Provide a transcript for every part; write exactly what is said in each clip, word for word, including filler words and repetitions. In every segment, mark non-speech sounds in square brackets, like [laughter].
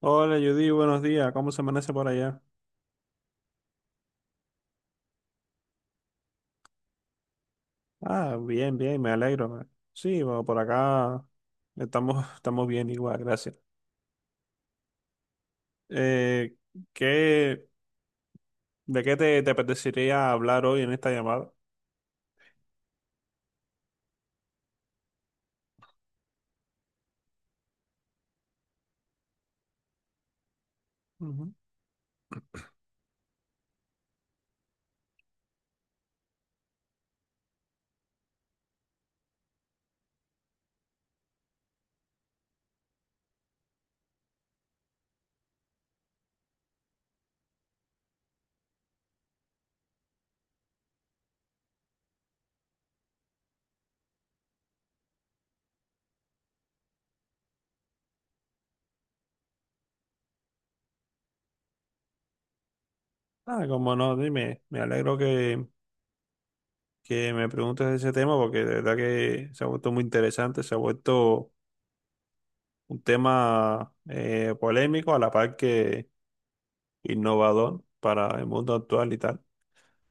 Hola Judy, buenos días. ¿Cómo se amanece por allá? Ah, bien, bien, me alegro. Sí, bueno, por acá estamos, [laughs] estamos bien igual, gracias. Eh, ¿qué, de qué te, te apetecería hablar hoy en esta llamada? Ujú. Ah, como no, dime, me alegro que, que me preguntes de ese tema porque de verdad que se ha vuelto muy interesante, se ha vuelto un tema eh, polémico a la par que innovador para el mundo actual y tal.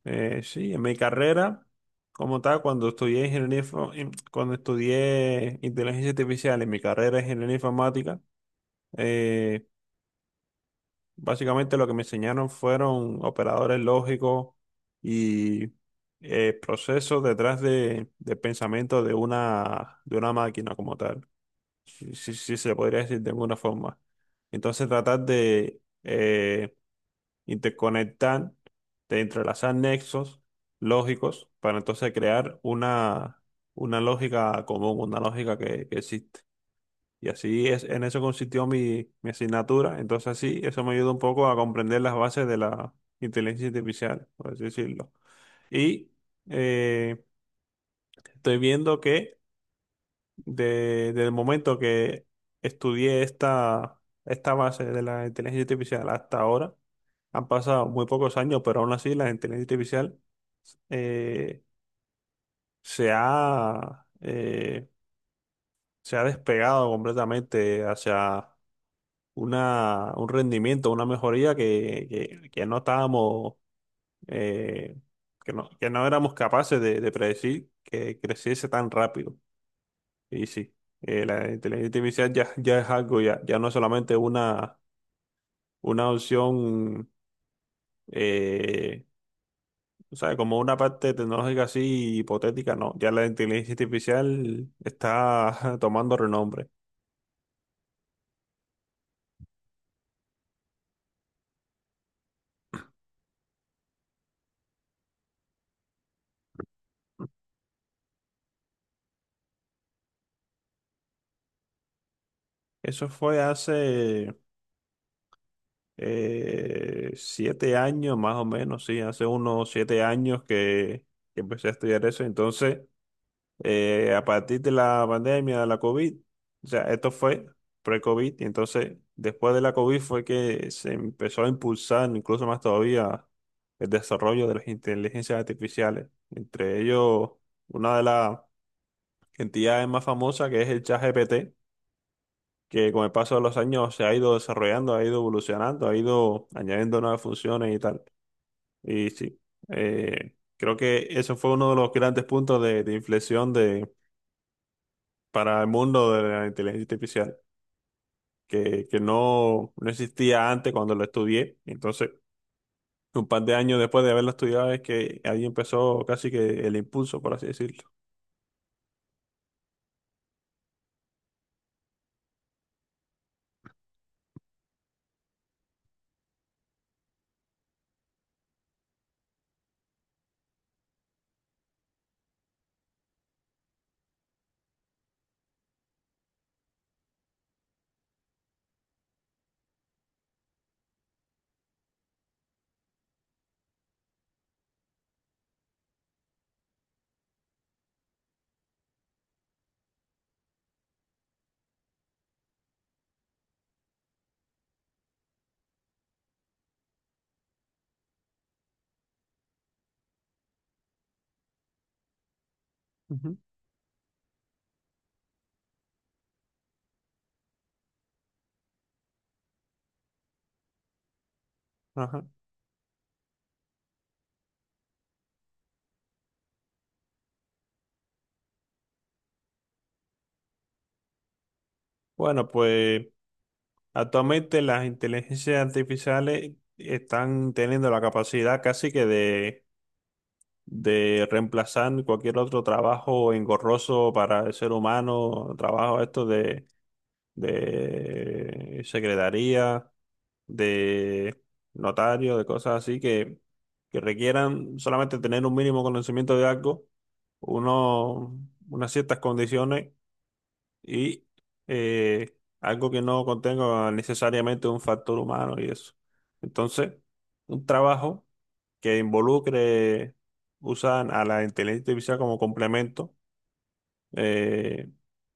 Eh, sí, en mi carrera, como tal, cuando estudié ingeniería, info- in- cuando estudié inteligencia artificial en mi carrera de ingeniería informática, eh, básicamente lo que me enseñaron fueron operadores lógicos y eh, procesos detrás de, del pensamiento de una, de una máquina como tal. Si, si- si se podría decir de alguna forma. Entonces, tratar de eh, y te conectan, te entrelazan nexos lógicos para entonces crear una, una lógica común, una lógica que, que existe. Y así es, en eso consistió mi, mi asignatura. Entonces así, eso me ayuda un poco a comprender las bases de la inteligencia artificial, por así decirlo. Y eh, Estoy viendo que de- desde el momento que estudié esta, esta base de la inteligencia artificial hasta ahora, han pasado muy pocos años, pero aún así la inteligencia artificial eh, se ha, eh, se ha despegado completamente hacia una, un rendimiento, una mejoría que, que- que no estábamos, eh, que no, que no éramos capaces de, de predecir que creciese tan rápido. Y sí, eh, la inteligencia artificial ya, ya es algo, ya, ya no es solamente una, una opción. eh, O sea, como una parte tecnológica así hipotética, no. Ya la inteligencia artificial está [laughs] tomando renombre. Eso fue hace eh, siete años, más o menos, sí, hace unos siete años que, que empecé a estudiar eso. Entonces, eh, a partir de la pandemia de la COVID, o sea, esto fue pre-COVID, y entonces después de la COVID fue que se empezó a impulsar incluso más todavía el desarrollo de las inteligencias artificiales, entre ellos una de las entidades más famosas que es el ChatGPT, que con el paso de los años se ha ido desarrollando, ha ido evolucionando, ha ido añadiendo nuevas funciones y tal. Y sí, eh, creo que eso fue uno de los grandes puntos de de inflexión de para el mundo de la inteligencia artificial, que, que no, no existía antes cuando lo estudié. Entonces, un par de años después de haberlo estudiado es que ahí empezó casi que el impulso, por así decirlo. Ujú. Ajá. Bueno, pues actualmente las inteligencias artificiales están teniendo la capacidad casi que de, de reemplazar cualquier otro trabajo engorroso para el ser humano, trabajo esto de, de secretaría de notario, de cosas así que, que requieran solamente tener un mínimo conocimiento de algo, uno, unas ciertas condiciones y eh, algo que no contenga necesariamente un factor humano y eso. Entonces, un trabajo que involucre, usan a la inteligencia artificial como complemento eh,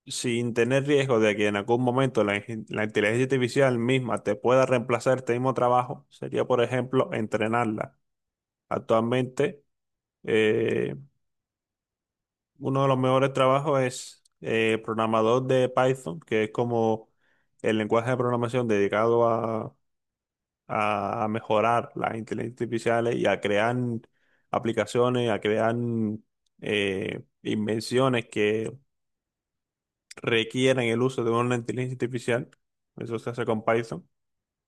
sin tener riesgo de que en algún momento la, ingen- la inteligencia artificial misma te pueda reemplazar este mismo trabajo, sería, por ejemplo, entrenarla. Actualmente, eh, uno de los mejores trabajos es eh, programador de Python, que es como el lenguaje de programación dedicado a, a- a mejorar las inteligencias artificiales y a crear aplicaciones, a crear eh, invenciones requieren el uso de una inteligencia artificial, eso se hace con Python,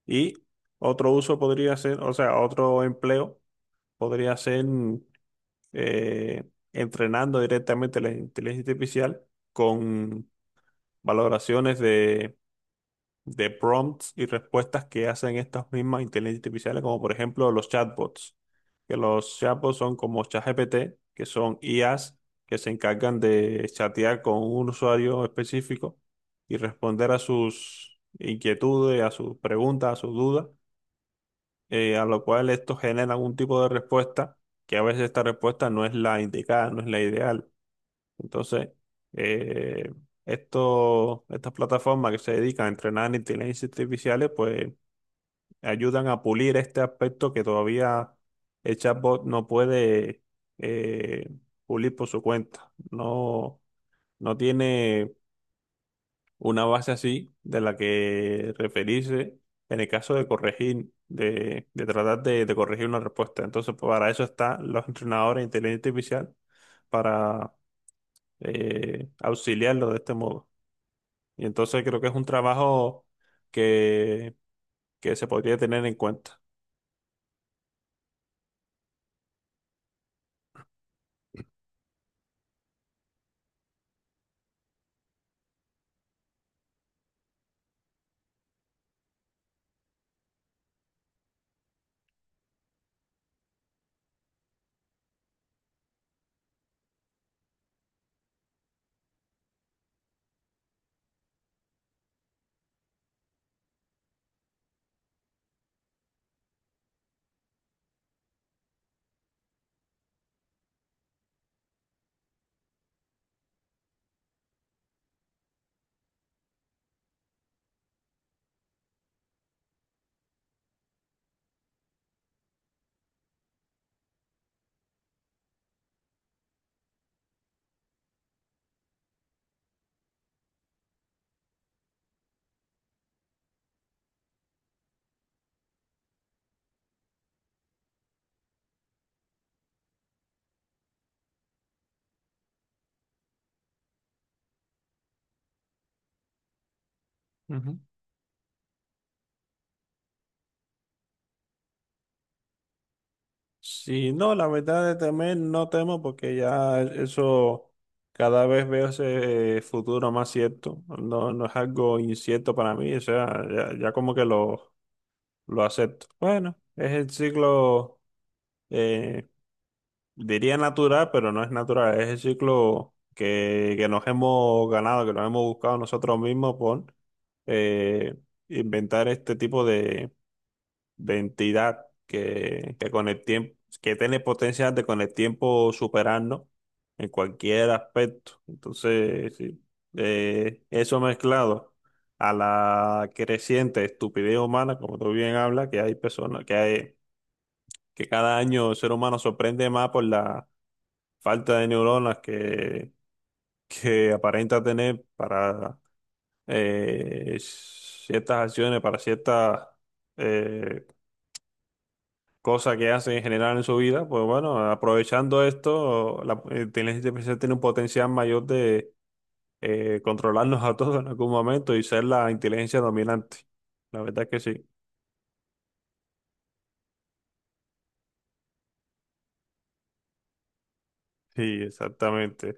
y otro uso podría ser, o sea, otro empleo podría ser eh, entrenando directamente la inteligencia artificial con valoraciones de de prompts y respuestas que hacen estas mismas inteligencias artificiales, como por ejemplo los chatbots, que los chatbots son como ChatGPT, que son I As que se encargan de chatear con un usuario específico y responder a sus inquietudes, a sus preguntas, a sus dudas, eh, a lo cual esto genera algún tipo de respuesta, que a veces esta respuesta no es la indicada, no es la ideal. Entonces, eh, esto- estas plataformas que se dedican a entrenar en inteligencias artificiales, pues ayudan a pulir este aspecto que todavía el chatbot no puede eh, pulir por su cuenta. No, no tiene una base así de la que referirse en el caso de corregir, de, de tratar de, de corregir una respuesta. Entonces, pues, para eso están los entrenadores de inteligencia artificial, para eh, auxiliarlo de este modo. Y entonces creo que es un trabajo que, que se podría tener en cuenta. Ujú. Sí, no, la verdad es también no temo porque ya eso cada vez veo ese futuro más cierto. No, no es algo incierto para mí, o sea, ya, ya como que lo, lo acepto. Bueno, es el ciclo eh, diría natural, pero no es natural. Es el ciclo que, que nos hemos ganado, que nos hemos buscado nosotros mismos por eh, inventar este tipo de, de entidad que, que con el tiempo, que tiene potencial de con el tiempo superarnos en cualquier aspecto. Entonces, sí, eh, eso mezclado a la creciente estupidez humana, como tú bien hablas, que hay personas, que hay, que cada año el ser humano sorprende más por la falta de neuronas que, que aparenta tener para eh, ciertas acciones, para ciertas eh, cosas que hace en general en su vida, pues bueno, aprovechando esto, la eh, inteligencia artificial tiene un potencial mayor de eh, controlarnos a todos en algún momento y ser la inteligencia dominante. La verdad que sí. Sí, exactamente.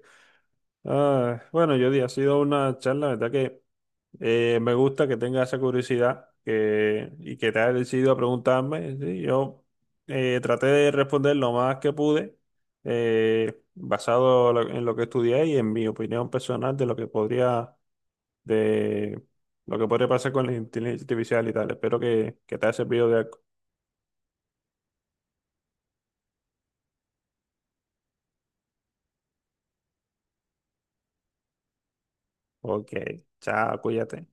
Ah, bueno, Jody, ha sido una charla, la verdad que Eh, me gusta que tenga esa curiosidad que, y que te haya decidido a preguntarme. ¿Sí? Yo eh, traté de responder lo más que pude, eh, basado lo- en lo que estudié y en mi opinión personal de lo que podría, de lo que podría pasar con la inteligencia artificial y tal. Espero que, que te haya servido de algo. Ok, chao, cuídate.